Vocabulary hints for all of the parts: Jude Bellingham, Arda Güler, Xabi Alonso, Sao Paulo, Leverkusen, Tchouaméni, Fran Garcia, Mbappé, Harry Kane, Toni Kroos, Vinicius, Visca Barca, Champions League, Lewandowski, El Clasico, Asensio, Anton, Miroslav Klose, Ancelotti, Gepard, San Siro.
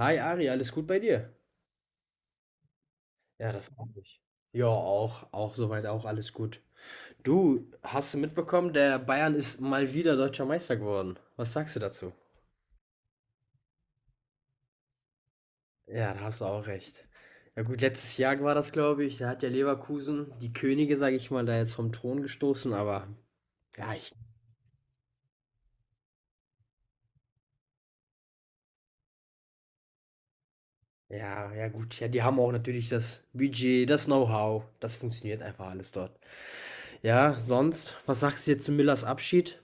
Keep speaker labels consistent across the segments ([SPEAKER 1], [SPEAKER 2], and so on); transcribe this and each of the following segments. [SPEAKER 1] Hi Ari, alles gut bei dir? Ja, das hoffe ich. Ja, auch soweit auch alles gut. Du, hast du mitbekommen, der Bayern ist mal wieder deutscher Meister geworden. Was sagst du dazu? Ja, da hast du auch recht. Ja gut, letztes Jahr war das, glaube ich. Da hat ja Leverkusen die Könige, sage ich mal, da jetzt vom Thron gestoßen. Aber ja, ich, ja, ja gut. Ja, die haben auch natürlich das Budget, das Know-how. Das funktioniert einfach alles dort. Ja, sonst, was sagst du jetzt zu Müllers Abschied?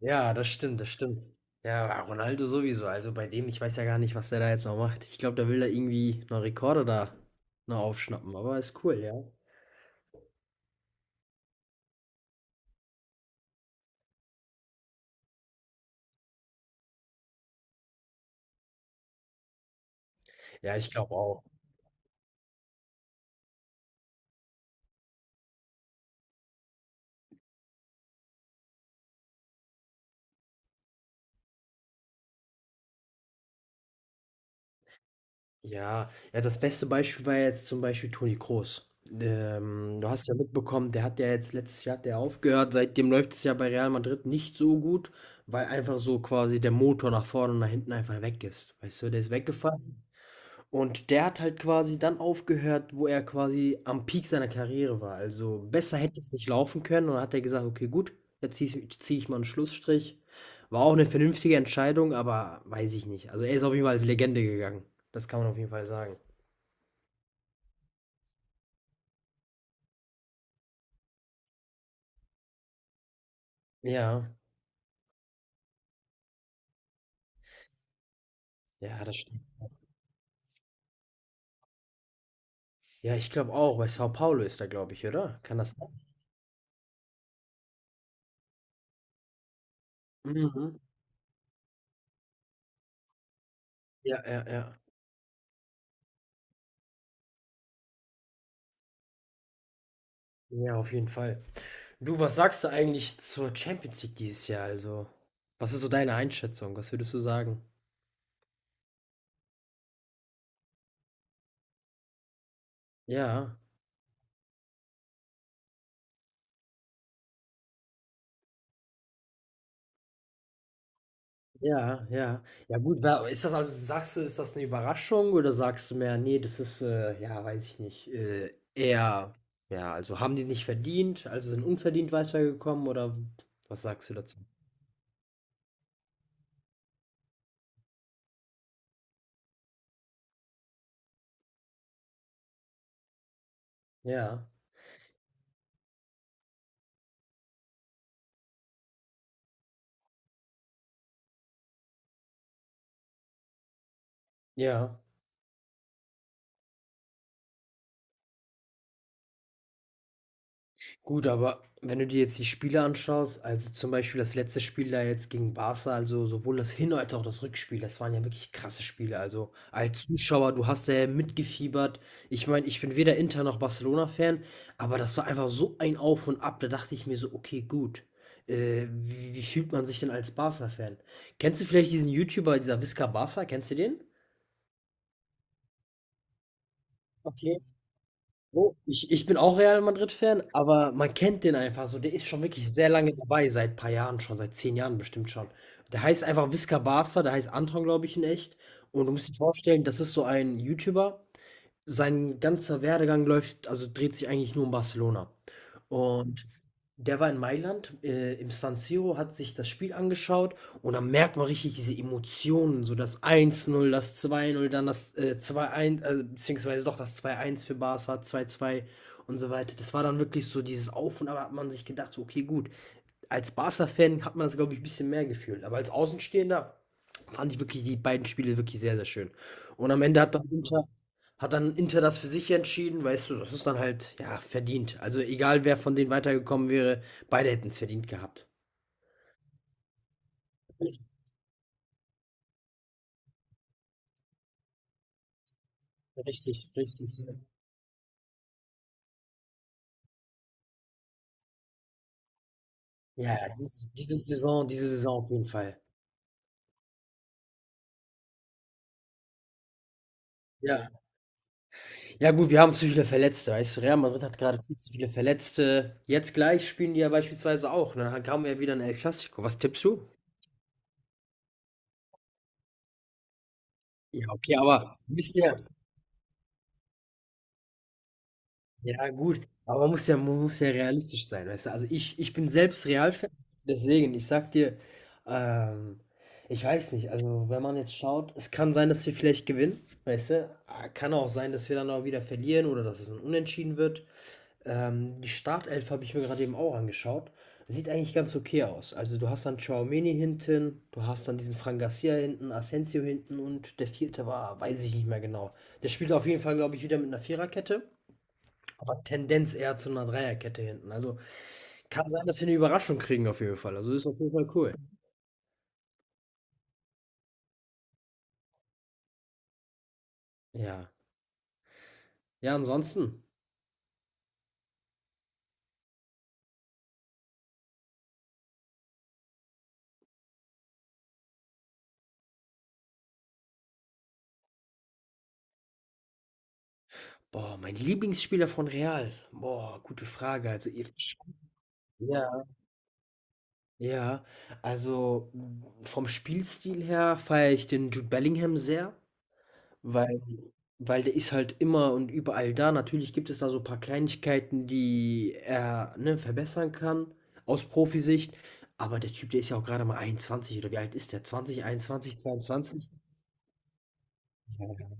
[SPEAKER 1] Ja, das stimmt, das stimmt. Ja, Ronaldo sowieso. Also bei dem, ich weiß ja gar nicht, was der da jetzt noch macht. Ich glaube, der will da irgendwie noch Rekorde da noch aufschnappen, aber ist cool, ja. Ja, ich glaube auch. Ja, ja, das beste Beispiel war jetzt zum Beispiel Toni Kroos. Du hast ja mitbekommen, der hat ja jetzt letztes Jahr hat der aufgehört. Seitdem läuft es ja bei Real Madrid nicht so gut, weil einfach so quasi der Motor nach vorne und nach hinten einfach weg ist. Weißt du, der ist weggefallen. Und der hat halt quasi dann aufgehört, wo er quasi am Peak seiner Karriere war. Also besser hätte es nicht laufen können. Und dann hat er gesagt, okay, gut, jetzt zieh ich mal einen Schlussstrich. War auch eine vernünftige Entscheidung, aber weiß ich nicht. Also er ist auf jeden Fall als Legende gegangen. Das kann man auf jeden Fall sagen. Ja, ja, das stimmt. Ja, ich glaube auch. Bei Sao Paulo ist er, glaube ich, oder? Kann das sein? Mhm. Ja, ja, ja. Ja, auf jeden Fall. Du, was sagst du eigentlich zur Champions League dieses Jahr? Also, was ist so deine Einschätzung? Was würdest du sagen? Ja, ja, ja. Ja gut, wa ist das also sagst du, ist das eine Überraschung oder sagst du mehr: nee, das ist, ja, weiß ich nicht, eher ja, also haben die nicht verdient, also sind unverdient weitergekommen", oder was sagst du dazu? Ja, ja. Gut, aber wenn du dir jetzt die Spiele anschaust, also zum Beispiel das letzte Spiel da jetzt gegen Barca, also sowohl das Hin- als auch das Rückspiel, das waren ja wirklich krasse Spiele. Also als Zuschauer, du hast ja mitgefiebert. Ich meine, ich bin weder Inter noch Barcelona-Fan, aber das war einfach so ein Auf und Ab, da dachte ich mir so, okay, gut. Wie fühlt man sich denn als Barca-Fan? Kennst du vielleicht diesen YouTuber, dieser Visca Barca? Kennst du den? Okay. So, ich bin auch Real Madrid-Fan, aber man kennt den einfach so. Der ist schon wirklich sehr lange dabei, seit ein paar Jahren schon, seit 10 Jahren bestimmt schon. Der heißt einfach Visca Barca, der heißt Anton, glaube ich, in echt. Und du musst dir vorstellen, das ist so ein YouTuber. Sein ganzer Werdegang läuft, also dreht sich eigentlich nur um Barcelona. Und der war in Mailand, im San Siro, hat sich das Spiel angeschaut und dann merkt man richtig diese Emotionen, so das eins null, das zwei null, dann das 2-1, beziehungsweise doch das zwei eins für Barca, zwei zwei und so weiter. Das war dann wirklich so dieses Auf und Ab, da hat man sich gedacht, so, okay, gut, als Barca-Fan hat man das, glaube ich, ein bisschen mehr gefühlt. Aber als Außenstehender fand ich wirklich die beiden Spiele wirklich sehr, sehr schön. Und am Ende hat dann Inter das für sich entschieden, weißt du, das ist dann halt, ja, verdient. Also egal, wer von denen weitergekommen wäre, beide hätten es verdient gehabt. Richtig, richtig. Ja, ja, diese Saison auf jeden Fall. Ja, ja gut, wir haben zu viele Verletzte, weißt du, Real Madrid hat gerade viel zu viele Verletzte. Jetzt gleich spielen die ja beispielsweise auch. Ne? Dann haben wir ja wieder ein El Clasico. Was tippst du? Ja, okay, aber du bist ja ja gut, aber man muss ja realistisch sein, weißt du? Also, ich bin selbst Real-Fan, deswegen, ich sag dir, ähm, ich weiß nicht, also, wenn man jetzt schaut, es kann sein, dass wir vielleicht gewinnen, weißt du? Ah, kann auch sein, dass wir dann auch wieder verlieren oder dass es ein Unentschieden wird. Die Startelf habe ich mir gerade eben auch angeschaut. Sieht eigentlich ganz okay aus. Also du hast dann Tchouaméni hinten, du hast dann diesen Fran Garcia hinten, Asensio hinten und der vierte war, weiß ich nicht mehr genau. Der spielt auf jeden Fall, glaube ich, wieder mit einer Viererkette, aber Tendenz eher zu einer Dreierkette hinten. Also kann sein, dass wir eine Überraschung kriegen auf jeden Fall. Also ist auf jeden Fall cool. Ja. Ja, ansonsten. Boah, mein Lieblingsspieler von Real. Boah, gute Frage. Also, ihr- ja, ja, also m, vom Spielstil her feiere ich den Jude Bellingham sehr, weil, weil der ist halt immer und überall da. Natürlich gibt es da so ein paar Kleinigkeiten, die er, ne, verbessern kann aus Profisicht. Aber der Typ, der ist ja auch gerade mal 21, oder wie alt ist der? 20, 21, 22? Ja,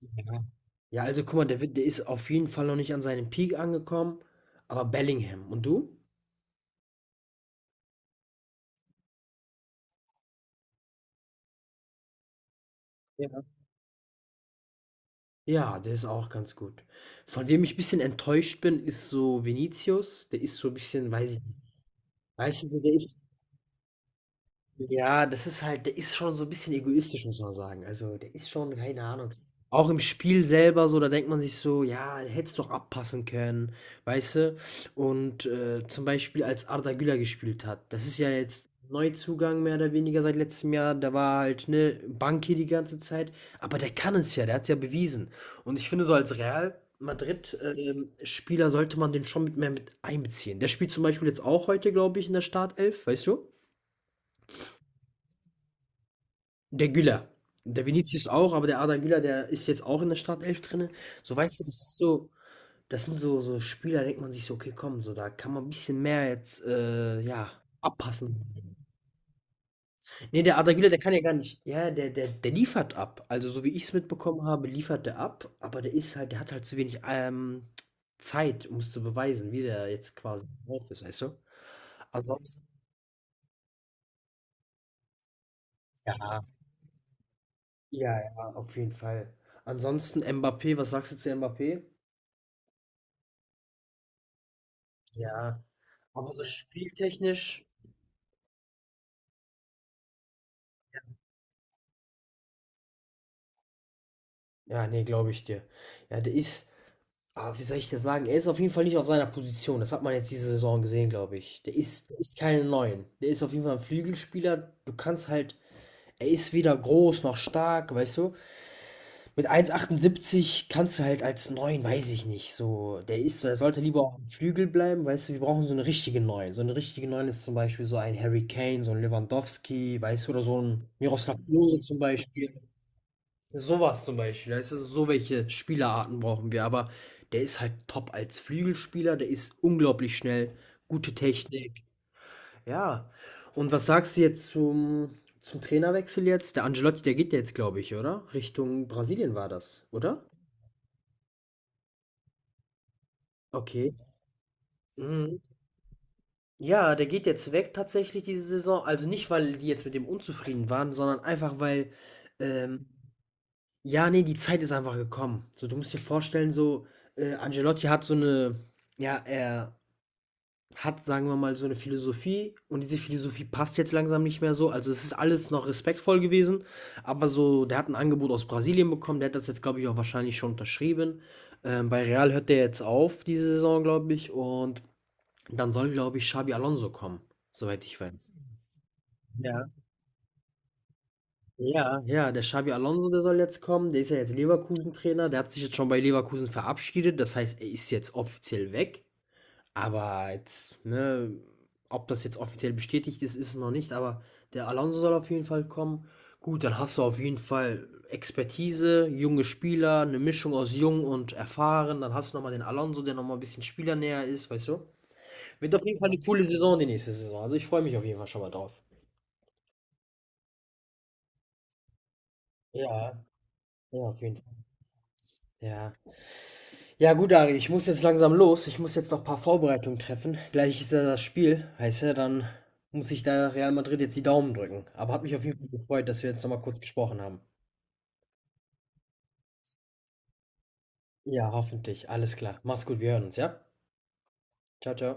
[SPEAKER 1] ja. Ja, also guck mal, der, wird- der ist auf jeden Fall noch nicht an seinem Peak angekommen, aber Bellingham. Und du? Ja. Ja, der ist auch ganz gut. Von wem ich ein bisschen enttäuscht bin, ist so Vinicius. Der ist so ein bisschen, weiß ich nicht, weißt du, der ist ja, das ist halt der ist schon so ein bisschen egoistisch, muss man sagen. Also, der ist schon keine Ahnung. Auch im Spiel selber so, da denkt man sich so: „Ja, der hätte es doch abpassen können", weißt du? Und, zum Beispiel, als Arda Güler gespielt hat, das ist ja jetzt Neuzugang mehr oder weniger seit letztem Jahr. Der war halt, ne, Bank hier die ganze Zeit, aber der kann es ja, der hat es ja bewiesen. Und ich finde, so als Real Madrid, Spieler sollte man den schon mit mehr mit einbeziehen. Der spielt zum Beispiel jetzt auch heute, glaube ich, in der Startelf, weißt du? Der Güler. Der Vinicius auch, aber der Arda Güler, der ist jetzt auch in der Startelf drin. So, weißt du, das ist so, das sind so, so Spieler, denkt man sich so, okay, komm, so, da kann man ein bisschen mehr jetzt, ja, abpassen. Nee, der Arda Güler, der kann ja gar nicht. Ja, der liefert ab. Also, so wie ich es mitbekommen habe, liefert der ab, aber der ist halt, der hat halt zu wenig, Zeit, um es zu beweisen, wie der jetzt quasi drauf ist, weißt du? Ansonsten, ja, ja, ja, auf jeden Fall. Ansonsten Mbappé, was sagst du zu Mbappé? Ja, aber so spieltechnisch, ja, ne, glaube ich dir. Ja, der ist, ah, wie soll ich das sagen? Er ist auf jeden Fall nicht auf seiner Position. Das hat man jetzt diese Saison gesehen, glaube ich. Der ist keine Neun. Der ist auf jeden Fall ein Flügelspieler. Du kannst halt, er ist weder groß noch stark, weißt du? Mit 1,78 kannst du halt als Neun, weiß ich nicht, so. Der ist, der sollte lieber auf dem Flügel bleiben, weißt du? Wir brauchen so einen richtigen Neun. So einen richtigen Neun ist zum Beispiel so ein Harry Kane, so ein Lewandowski, weißt du, oder so ein Miroslav Klose zum Beispiel. Sowas zum Beispiel, weißt du, so welche Spielerarten brauchen wir, aber der ist halt top als Flügelspieler, der ist unglaublich schnell, gute Technik. Ja. Und was sagst du jetzt zum, zum Trainerwechsel jetzt? Der Ancelotti, der geht ja jetzt, glaube ich, oder? Richtung Brasilien war das, oder? Okay. Mhm. Ja, der geht jetzt weg tatsächlich diese Saison. Also nicht, weil die jetzt mit dem unzufrieden waren, sondern einfach, weil ähm, ja, ne, die Zeit ist einfach gekommen. So, du musst dir vorstellen, so, Ancelotti hat so eine, ja, er hat, sagen wir mal, so eine Philosophie, und diese Philosophie passt jetzt langsam nicht mehr so. Also, es ist alles noch respektvoll gewesen, aber so der hat ein Angebot aus Brasilien bekommen, der hat das jetzt, glaube ich, auch wahrscheinlich schon unterschrieben. Bei Real hört der jetzt auf diese Saison, glaube ich, und dann soll, glaube ich, Xabi Alonso kommen, soweit ich weiß. Ja. Ja, ja, der Xabi Alonso, der soll jetzt kommen. Der ist ja jetzt Leverkusen-Trainer. Der hat sich jetzt schon bei Leverkusen verabschiedet. Das heißt, er ist jetzt offiziell weg. Aber jetzt, ne, ob das jetzt offiziell bestätigt ist, ist es noch nicht. Aber der Alonso soll auf jeden Fall kommen. Gut, dann hast du auf jeden Fall Expertise, junge Spieler, eine Mischung aus jung und erfahren. Dann hast du nochmal den Alonso, der nochmal ein bisschen spielernäher ist, weißt du? Wird auf jeden Fall eine coole Saison die nächste Saison. Also ich freue mich auf jeden Fall schon mal drauf. Ja, ja, auf jeden Fall. Ja. Ja gut, Ari, ich muss jetzt langsam los. Ich muss jetzt noch ein paar Vorbereitungen treffen. Gleich ist ja das Spiel, weißt du, dann muss ich da Real Madrid jetzt die Daumen drücken. Aber hat mich auf jeden Fall gefreut, dass wir jetzt nochmal kurz gesprochen haben. Ja, hoffentlich. Alles klar. Mach's gut, wir hören uns, ja? Ciao, ciao.